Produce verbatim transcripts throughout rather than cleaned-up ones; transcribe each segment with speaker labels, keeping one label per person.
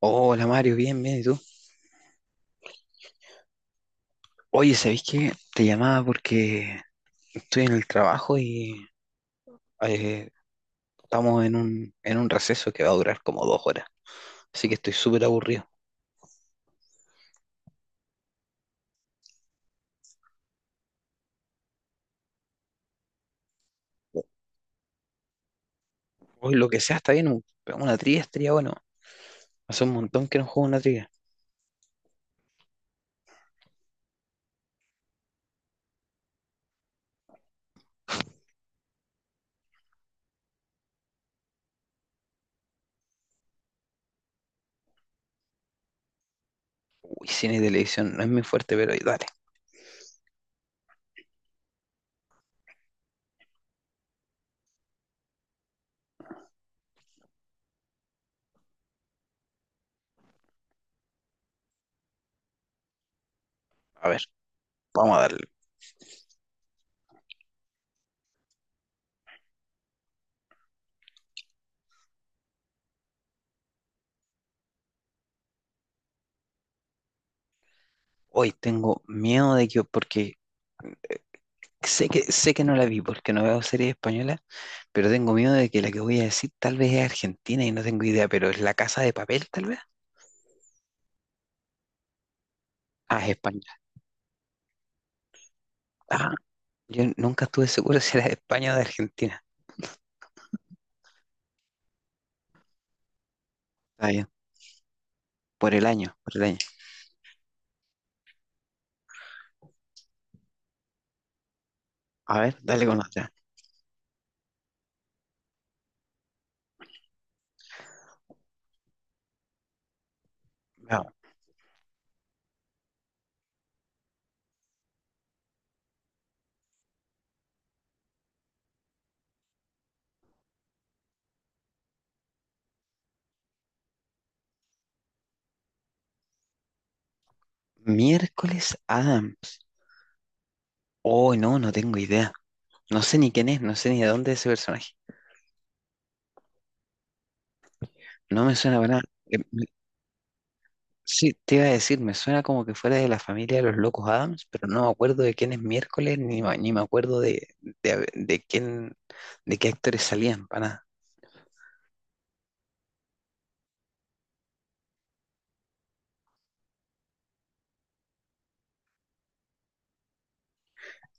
Speaker 1: Hola Mario, bien, bien, ¿y tú? Oye, ¿sabéis qué? Te llamaba porque estoy en el trabajo y eh, estamos en un, en un receso que va a durar como dos horas, así que estoy súper aburrido. Hoy lo que sea está bien, un- una trivia estaría bueno. Hace un montón que no juego una trivia. Uy, cine y televisión no es muy fuerte, pero dale, a ver, vamos a darle. Hoy tengo miedo de que, porque sé que, sé que no la vi porque no veo series españolas, pero tengo miedo de que la que voy a decir tal vez es argentina y no tengo idea, pero es La Casa de Papel tal vez. Ah, es Ah, yo nunca estuve seguro si era de España o de Argentina. Está bien, por el año, por el año. A ver, dale con otra. Vamos. Miércoles Adams. Oh, no, no tengo idea. No sé ni quién es, no sé ni de dónde es ese personaje. No me suena para nada. Eh, me- Sí, te iba a decir, me suena como que fuera de la familia de los locos Adams, pero no me acuerdo de quién es Miércoles, ni, ma- ni me acuerdo de, de, a- de quién, de qué actores salían, para nada.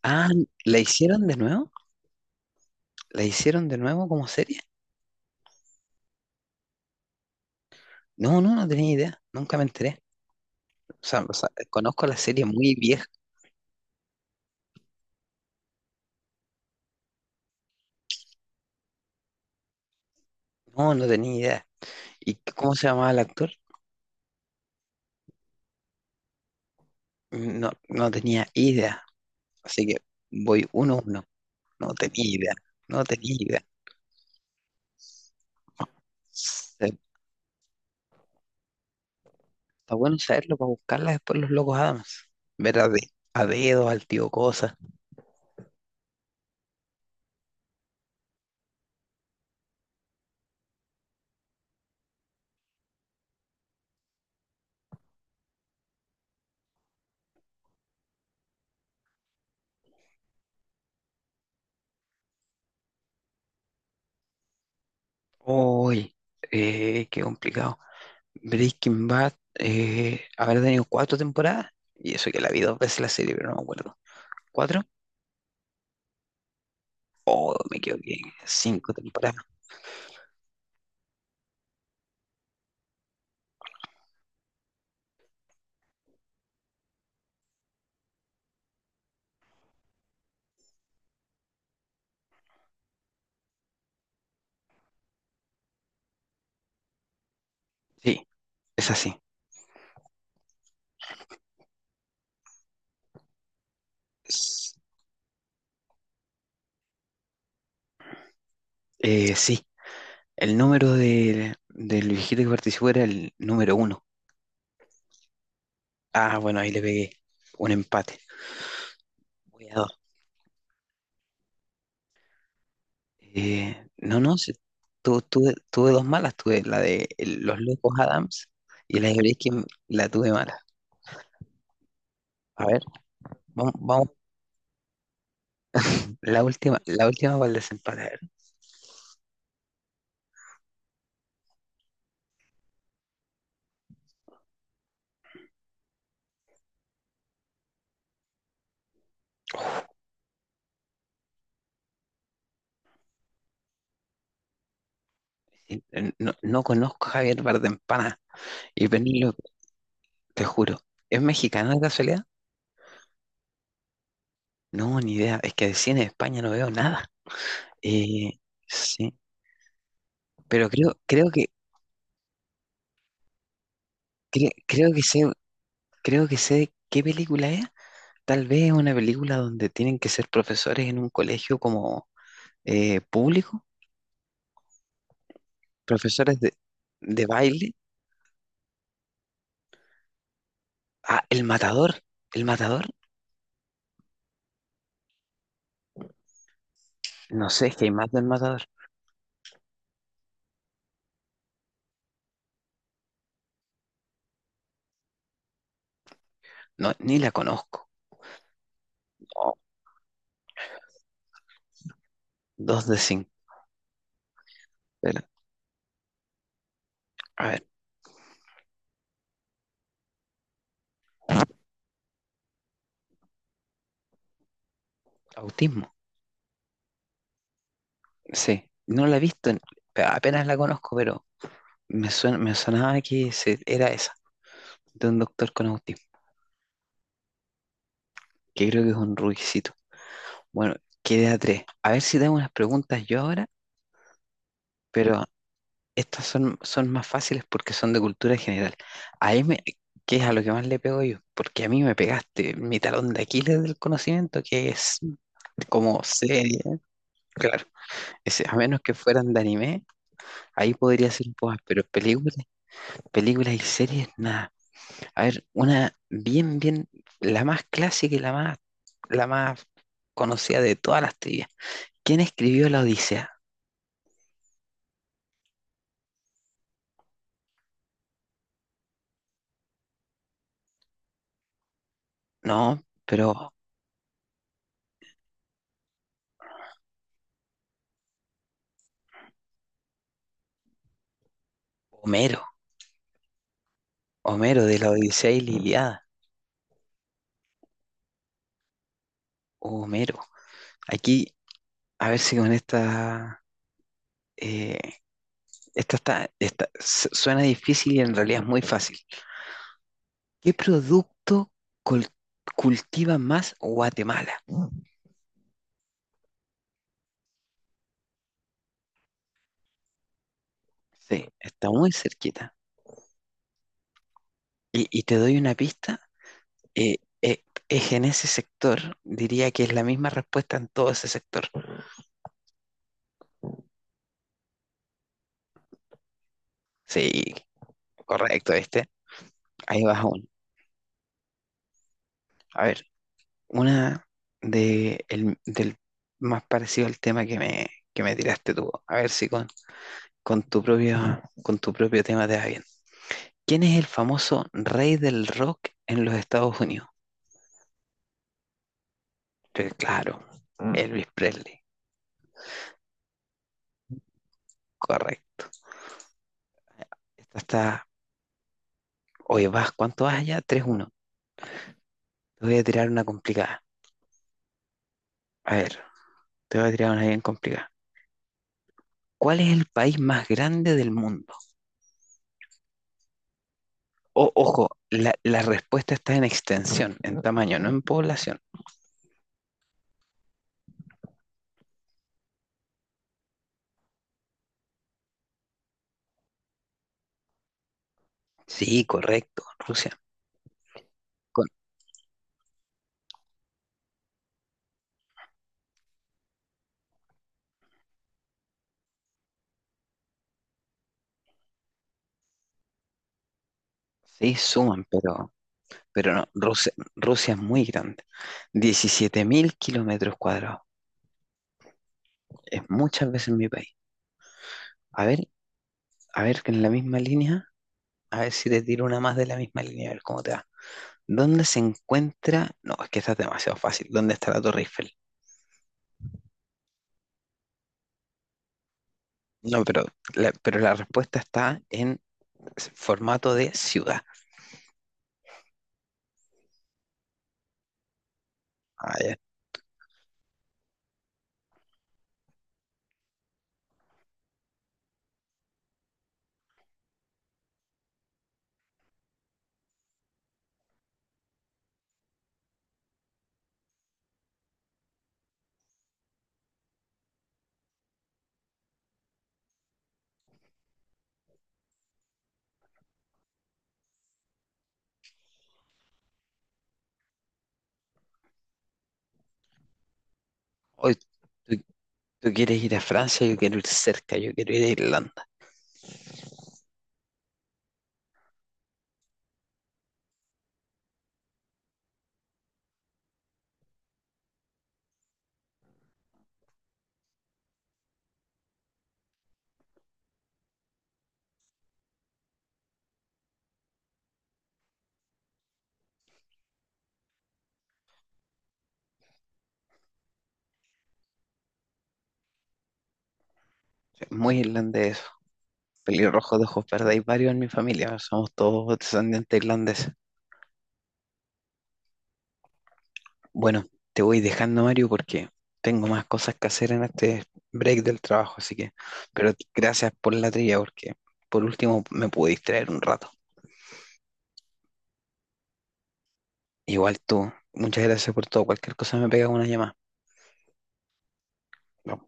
Speaker 1: Ah, ¿la hicieron de nuevo? ¿La hicieron de nuevo como serie? No, no, no tenía idea, nunca me enteré. O sea, o sea, conozco la serie muy vieja. No, no tenía idea. ¿Y c- cómo se llamaba el actor? No, no tenía idea. Así que voy uno a uno. No tenía idea. No tenía idea. Eh, Está bueno saberlo para buscarla después los locos Adams. Ver a, de- a dedo, al tío Cosa. Uy, eh, qué complicado. Breaking Bad eh, habrá tenido cuatro temporadas. Y eso que la vi dos veces la serie, pero no me acuerdo. ¿Cuatro? Oh, me equivoqué. Cinco temporadas. Sí, es así. S- eh, sí, el número de, del viejito que participó era el número uno. Ah, bueno, ahí le pegué un empate. Voy a dos. Eh, no, no, sí, tu- tuve, tuve dos malas. Tuve la de el- los locos Adams y la de Breaking la tuve mala. A ver, vamos, vamos, la última, la última para el desempate. A ver. Eh, eh, No, no conozco a Javier Bardempana y Penélope, te juro. ¿Es mexicana de casualidad? No, ni idea. Es que de cine de España no veo nada. Eh, sí. Pero creo, creo que, cre- creo que sé, creo que sé qué película es. Tal vez es una película donde tienen que ser profesores en un colegio como eh, público, profesores de, de baile. Ah, El Matador. El Matador. No sé, es que hay más del Matador. No, ni la conozco. No, dos de cinco. Pero, a ver, autismo. Sí, no la he visto, apenas la conozco, pero me suena, me sonaba que se- era esa, de un doctor con autismo, que creo que es un rubiecito. Bueno, quedé a tres. A ver si tengo unas preguntas yo ahora, pero estas son, son más fáciles porque son de cultura general. Ahí me, que es a lo que más le pego yo, porque a mí me pegaste mi talón de Aquiles del conocimiento, que es como serie. Claro, ese- a menos que fueran de anime, ahí podría ser un poco, más, pero películas, películas y series, nada. A ver, una bien, bien, la más clásica y la más, la más conocida de todas las teorías. ¿Quién escribió la Odisea? No, pero Homero, Homero de la Odisea y la Ilíada. Homero. Aquí, a ver si con esta. eh, esta está, esta su- suena difícil y en realidad es muy fácil. ¿Qué producto col- cultiva más Guatemala? Sí, está muy cerquita. Y, y te doy una pista. eh, eh, es en ese sector, diría que es la misma respuesta en todo ese sector. Sí, correcto, este. Ahí vas aún. A ver, una de el- del más parecido al tema que me, que me tiraste tú. A ver si con, con tu propio, con tu propio tema te va bien. ¿Quién es el famoso rey del rock en los Estados Unidos? Pues claro, Mm. Elvis Presley. Correcto. Esta está. Oye, vas, ¿cuánto vas allá? Tres uno. Te voy a tirar una complicada. A ver, te voy a tirar una bien complicada. ¿Cuál es el país más grande del mundo? O- ojo, la, la respuesta está en extensión, en tamaño, no en población. Sí, correcto, Rusia. Con- sí, suman, pero, pero no, Rusia, Rusia es muy grande. Diecisiete mil kilómetros cuadrados. Es muchas veces mi país. A ver, a ver, que en la misma línea, a ver si te tiro una más de la misma línea, a ver cómo te va. ¿Dónde se encuentra? No, es que esta es demasiado fácil. ¿Dónde está la Torre Eiffel? No, pero la, pero la respuesta está en formato de ciudad. Ah, ya. Hoy tú, tú quieres ir a Francia, yo quiero ir cerca, yo quiero ir a Irlanda. Muy irlandés. Pelirrojos de ojos verdes hay varios en mi familia, somos todos descendientes irlandeses. Bueno, te voy dejando, Mario, porque tengo más cosas que hacer en este break del trabajo, así que, pero gracias por la trilla, porque por último me pude distraer un rato. Igual tú, muchas gracias por todo, cualquier cosa me pega una llamada. Nos